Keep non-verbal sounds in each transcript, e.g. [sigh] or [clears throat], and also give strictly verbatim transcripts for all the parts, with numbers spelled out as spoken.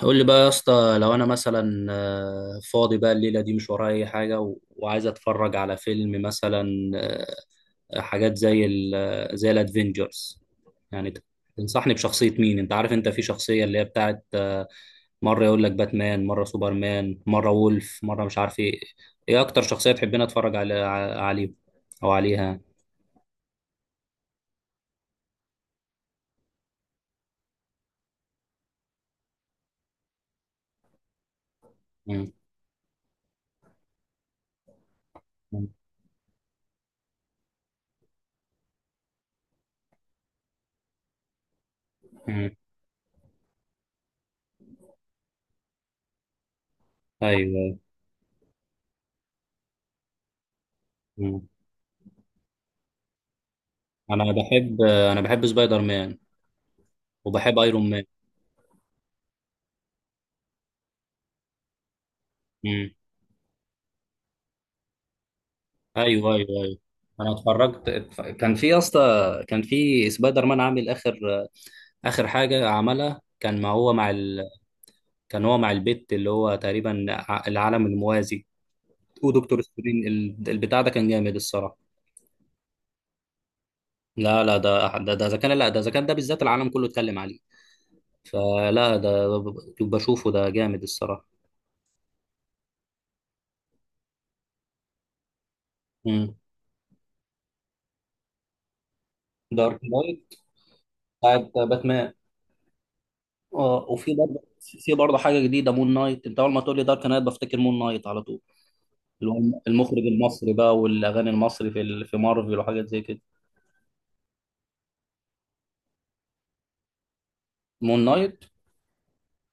قول لي بقى يا اسطى، لو انا مثلا آه، فاضي بقى الليله دي، مش ورايا اي حاجه و- وعايز اتفرج على فيلم مثلا. آه، حاجات زي ال آه، زي الادفنجرز. يعني ت- تنصحني بشخصيه مين؟ انت عارف انت في شخصيه اللي هي بتاعت آه، مره يقول لك باتمان، مره سوبرمان، مره وولف، مره مش عارف ايه. ايه اكتر شخصيه تحبين اتفرج على ع- عليه او عليها؟ مم. مم. مم. ايوه. مم. انا بحب آه، انا بحب سبايدر مان، وبحب ايرون مان. ايوه ايوه ايوه. انا اتفرجت اتف- كان في يا اسطى، كان في سبايدر مان عامل اخر، اخر حاجه عملها، كان ما هو مع ال... كان هو مع البت، اللي هو تقريبا ع- العالم الموازي. ودكتور سترين ال- البتاع ده كان جامد الصراحه. لا لا، ده ده ده اذا كان، لا ده اذا كان، ده بالذات العالم كله اتكلم عليه. فلا ده ب- بشوفه ده جامد الصراحه. امم. دارك نايت. بتاعت باتمان. اه، وفي برضه في برضه حاجه جديده مون نايت. انت اول ما تقول لي دارك نايت بفتكر مون نايت على طول. اللي هو المخرج المصري بقى، والاغاني المصري في ال- في مارفل وحاجات زي كده. مون نايت.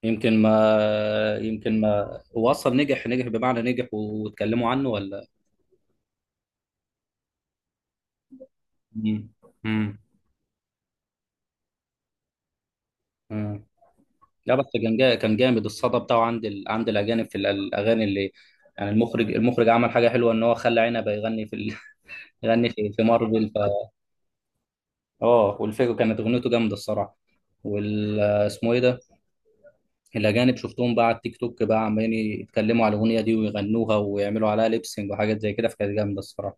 يمكن ما يمكن ما هو اصلا نجح، نجح بمعنى نجح واتكلموا عنه ولا؟ مم. مم. مم. لا بس كان جا... كان جامد الصدى بتاعه عند ال... عند الاجانب في ال- الاغاني اللي يعني. المخرج المخرج عمل حاجه حلوه ان هو خلى عنبه يغني في ال... [laughs] يغني في, في مارفل ف... اه، والفيجو كانت اغنيته جامده الصراحه. وال اسمه ايه ده، الأجانب شفتهم بقى على التيك توك بقى، عمالين يتكلموا على الأغنية دي ويغنوها ويعملوا عليها ليبسينج وحاجات زي كده، فكانت جامدة الصراحة.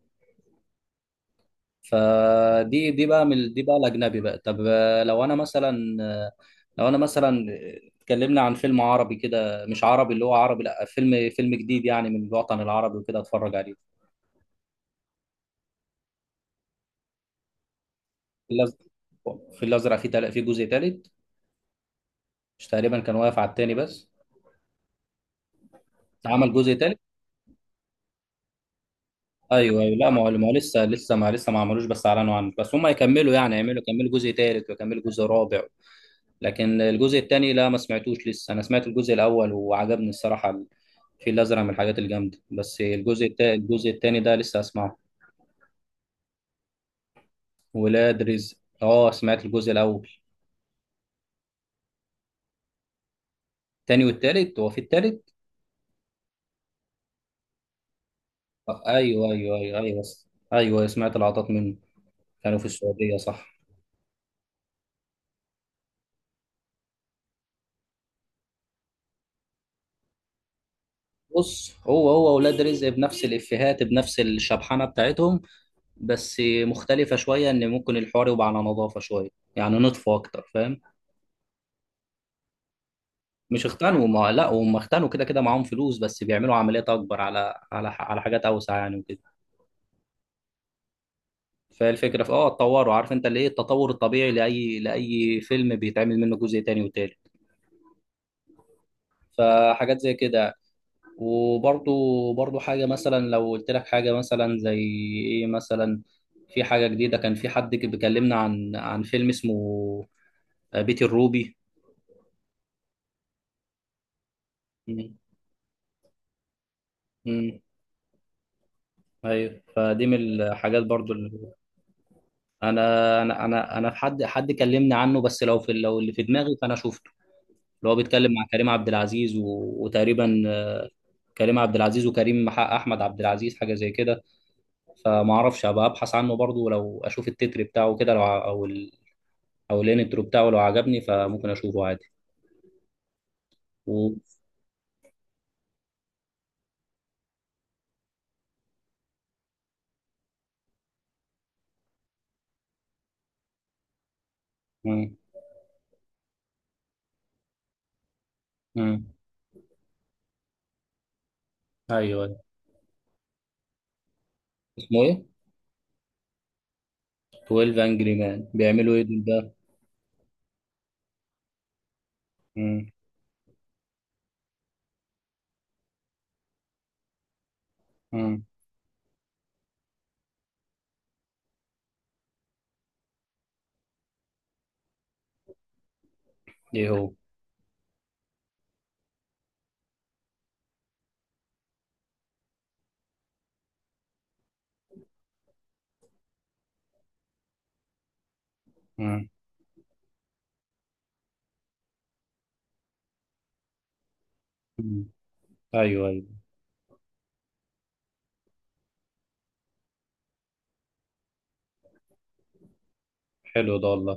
فدي دي بقى من دي بقى الأجنبي بقى. طب آه، لو أنا مثلا آه، لو أنا مثلا آه، اتكلمنا عن فيلم عربي كده، مش عربي اللي هو عربي، لا فيلم، فيلم جديد يعني من الوطن العربي وكده، اتفرج عليه. في الأز- في الأزرق في تل- في جزء تالت؟ مش تقريبا كان واقف على التاني بس؟ اتعمل جزء تالت؟ ايوه ايوه، لا ما هو ما هو لسه لسه ما لسه ما عملوش، بس اعلنوا عنه، بس هم يكملوا يعني، يعملوا يكملوا جزء ثالث ويكملوا جزء رابع. لكن الجزء الثاني لا ما سمعتوش لسه، انا سمعت الجزء الاول وعجبني الصراحه. الفيل الازرق من الحاجات الجامده، بس الجزء التا... الجزء الثاني ده لسه اسمعه. ولاد رزق، اه سمعت الجزء الاول. الثاني والثالث، هو في الثالث؟ آه، ايوه ايوه ايوه ايوه، ايوه سمعت لقطات منه، كانوا في السعوديه صح. بص، هو هو ولاد رزق بنفس الافيهات، بنفس الشبحانه بتاعتهم، بس مختلفة شوية إن ممكن الحوار يبقى على نظافة شوية. يعني نطفوا أكتر فاهم. مش اختنوا، ما لا، هم اختنوا كده كده، معاهم فلوس، بس بيعملوا عمليات أكبر، على على ح- على حاجات أوسع يعني، وكده. فالفكرة في آه، اتطوروا. عارف أنت اللي إيه، التطور الطبيعي لأي لأي فيلم بيتعمل منه جزء تاني وتالت، فحاجات زي كده. وبرضو برضو حاجة، مثلا لو قلت لك حاجة مثلا زي إيه مثلا، في حاجة جديدة، كان في حد بيكلمنا عن عن فيلم اسمه بيت الروبي. ايوه، فدي من الحاجات برضو اللي، انا انا انا انا في حد حد كلمني عنه، بس لو في، لو اللي في دماغي فانا شفته، اللي هو بيتكلم مع كريم عبد العزيز و... وتقريبا آه، كريم عبد العزيز، وكريم مع احمد عبد العزيز، حاجه زي كده. فما اعرفش، هبقى ابحث عنه برضو، ولو اشوف التتر بتاعه كده، لو ع- او ال... او الانترو بتاعه، لو عجبني فممكن اشوفه عادي. و... مم. مم. ايوه أيوة. اسمه ايه؟ اتناشر انجري مان بيعملوا ايه دول ده؟ مم. مم. ايه هو؟ مم. مم. ايوه ايوه. حلو ده والله.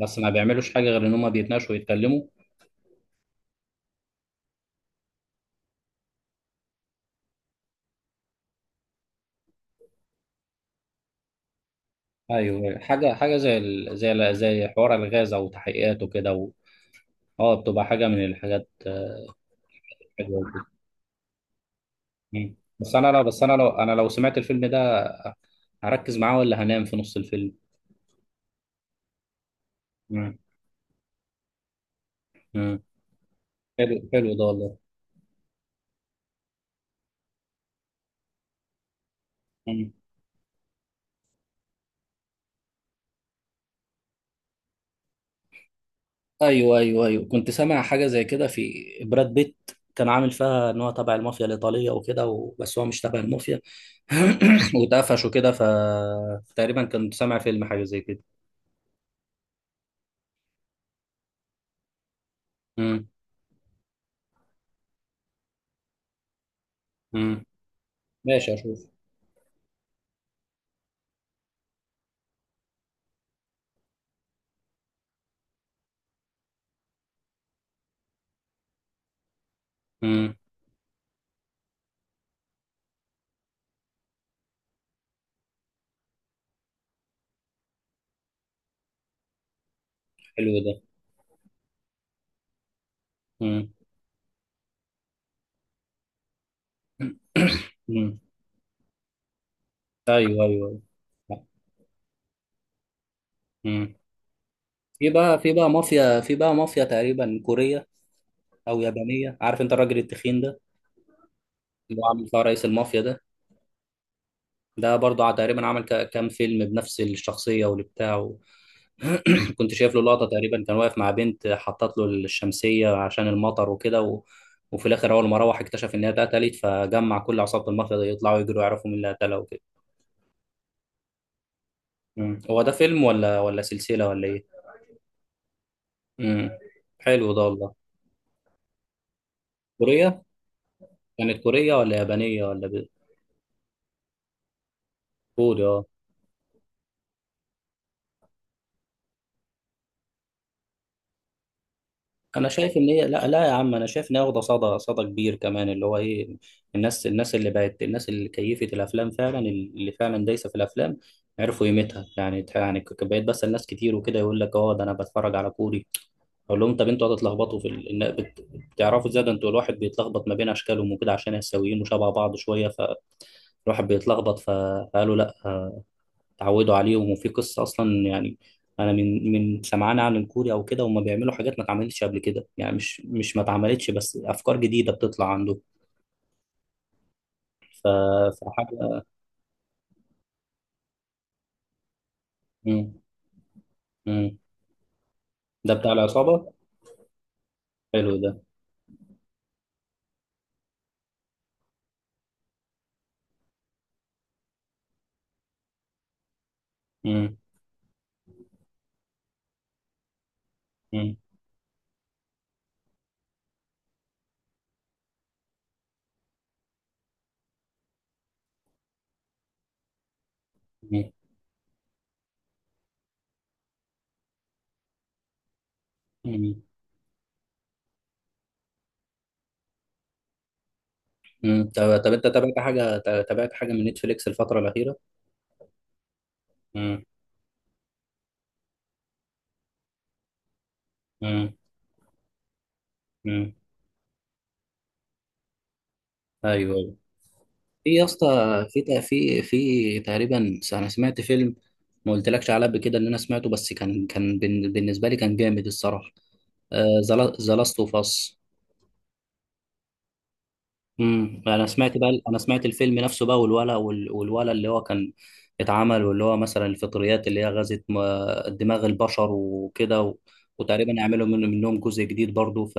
بس ما بيعملوش حاجه غير ان هم بيتناقشوا ويتكلموا؟ ايوه، حاجه، حاجه زي ال... زي ال... زي حوار الغاز او تحقيقات وكده و... اه، بتبقى حاجه من الحاجات آه، حلوه وكده. مم. بس انا لو، بس انا لو، انا لو سمعت الفيلم ده، هركز معاه ولا هنام في نص الفيلم؟ مم. مم. حلو، حلو ده والله. مم. ايوه ايوه ايوه، كنت سامع حاجه زي كده في براد بيت. كان عامل فيها ان هو تبع المافيا الايطاليه وكده و... بس هو مش تبع المافيا، [coughs] [clears throat] واتقفش وكده. فتقريبا كنت سامع فيلم حاجه زي كده. مم. مم. ماشي، اشوف. امم. حلو ده. امم. [clears throat] امم. [coughs] ايوه ايوه أيوة. امم. في بقى، في بقى مافيا، في بقى مافيا تقريبا كوريه او يابانيه، عارف انت الراجل التخين ده، اللي هو عامل فيها رئيس المافيا ده. ده برضه ع- تقريبا عمل ك- كام فيلم بنفس الشخصيه والبتاع و... [coughs] [clears throat] كنت شايف له لقطه، تقريبا كان واقف مع بنت حطت له الشمسيه عشان المطر وكده و... وفي الاخر اول ما روح اكتشف ان هي اتقتلت، فجمع كل عصابه المافيا دي يطلعوا يجروا يعرفوا مين اللي قتلها وكده. مم. هو ده فيلم ولا ولا سلسله ولا ايه؟ امم. حلو ده والله. كورية، كانت كورية ولا يابانية ولا ب- كوري اه. انا شايف ان هي، لا لا يا عم، انا شايف ان هي واخده صدى، صدى كبير كمان، اللي هو ايه، الناس الناس اللي بقت، الناس اللي كيفت الافلام فعلا، اللي فعلا دايسه في الافلام، عرفوا قيمتها. يعني تح- يعني ك- بقيت بسال ناس كتير وكده، يقول لك اه ده انا بتفرج على كوري. اقول لهم طب انتوا هتتلخبطوا في ال... إن- بت- بتعرفوا ازاي؟ ده انتوا الواحد بيتلخبط ما بين اشكالهم وكده، عشان هي سويين وشبه بعض شويه، فالواحد بيتلخبط. فقالوا لا، اتعودوا عليهم، وفي قصة أصلا يعني. أنا من من سمعان عن الكوري أو كده، هم بيعملوا حاجات ما اتعملتش قبل كده، يعني مش مش ما اتعملتش، بس أفكار جديدة بتطلع عندهم. ف... فحاجة. مم. مم. ده بتاع العصابة. حلو ده. مم. مم. مم. مم. مم. طب، طب أنت تابعت حاجة، تابعت حاجة من نتفليكس الفترة الأخيرة؟ مم. مم. مم. أيوه أيوه. في يا اسطى، في في في تقريبا، انا سمعت فيلم ما قلتلكش عليه قبل كده ان انا سمعته، بس كان، كان بن- بالنسبه لي كان جامد الصراحه. ذا لاست اوف اس. امم انا سمعت بقى، انا سمعت الفيلم نفسه بقى، والولا وال- والولا اللي هو كان اتعمل، واللي هو مثلا الفطريات اللي هي غزت م- دماغ البشر وكده و... وتقريبا يعملوا من... منهم جزء جديد برضو. ف...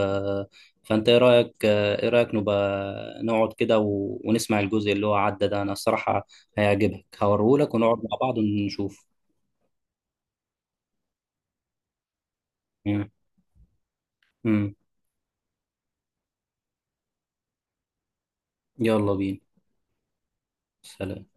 فانت ايه رايك، ايه رايك نبقى نقعد كده و... ونسمع الجزء اللي هو عدى ده، انا الصراحه هيعجبك هوريهولك، ونقعد مع بعض ونشوف. امم. يلا بينا. سلام.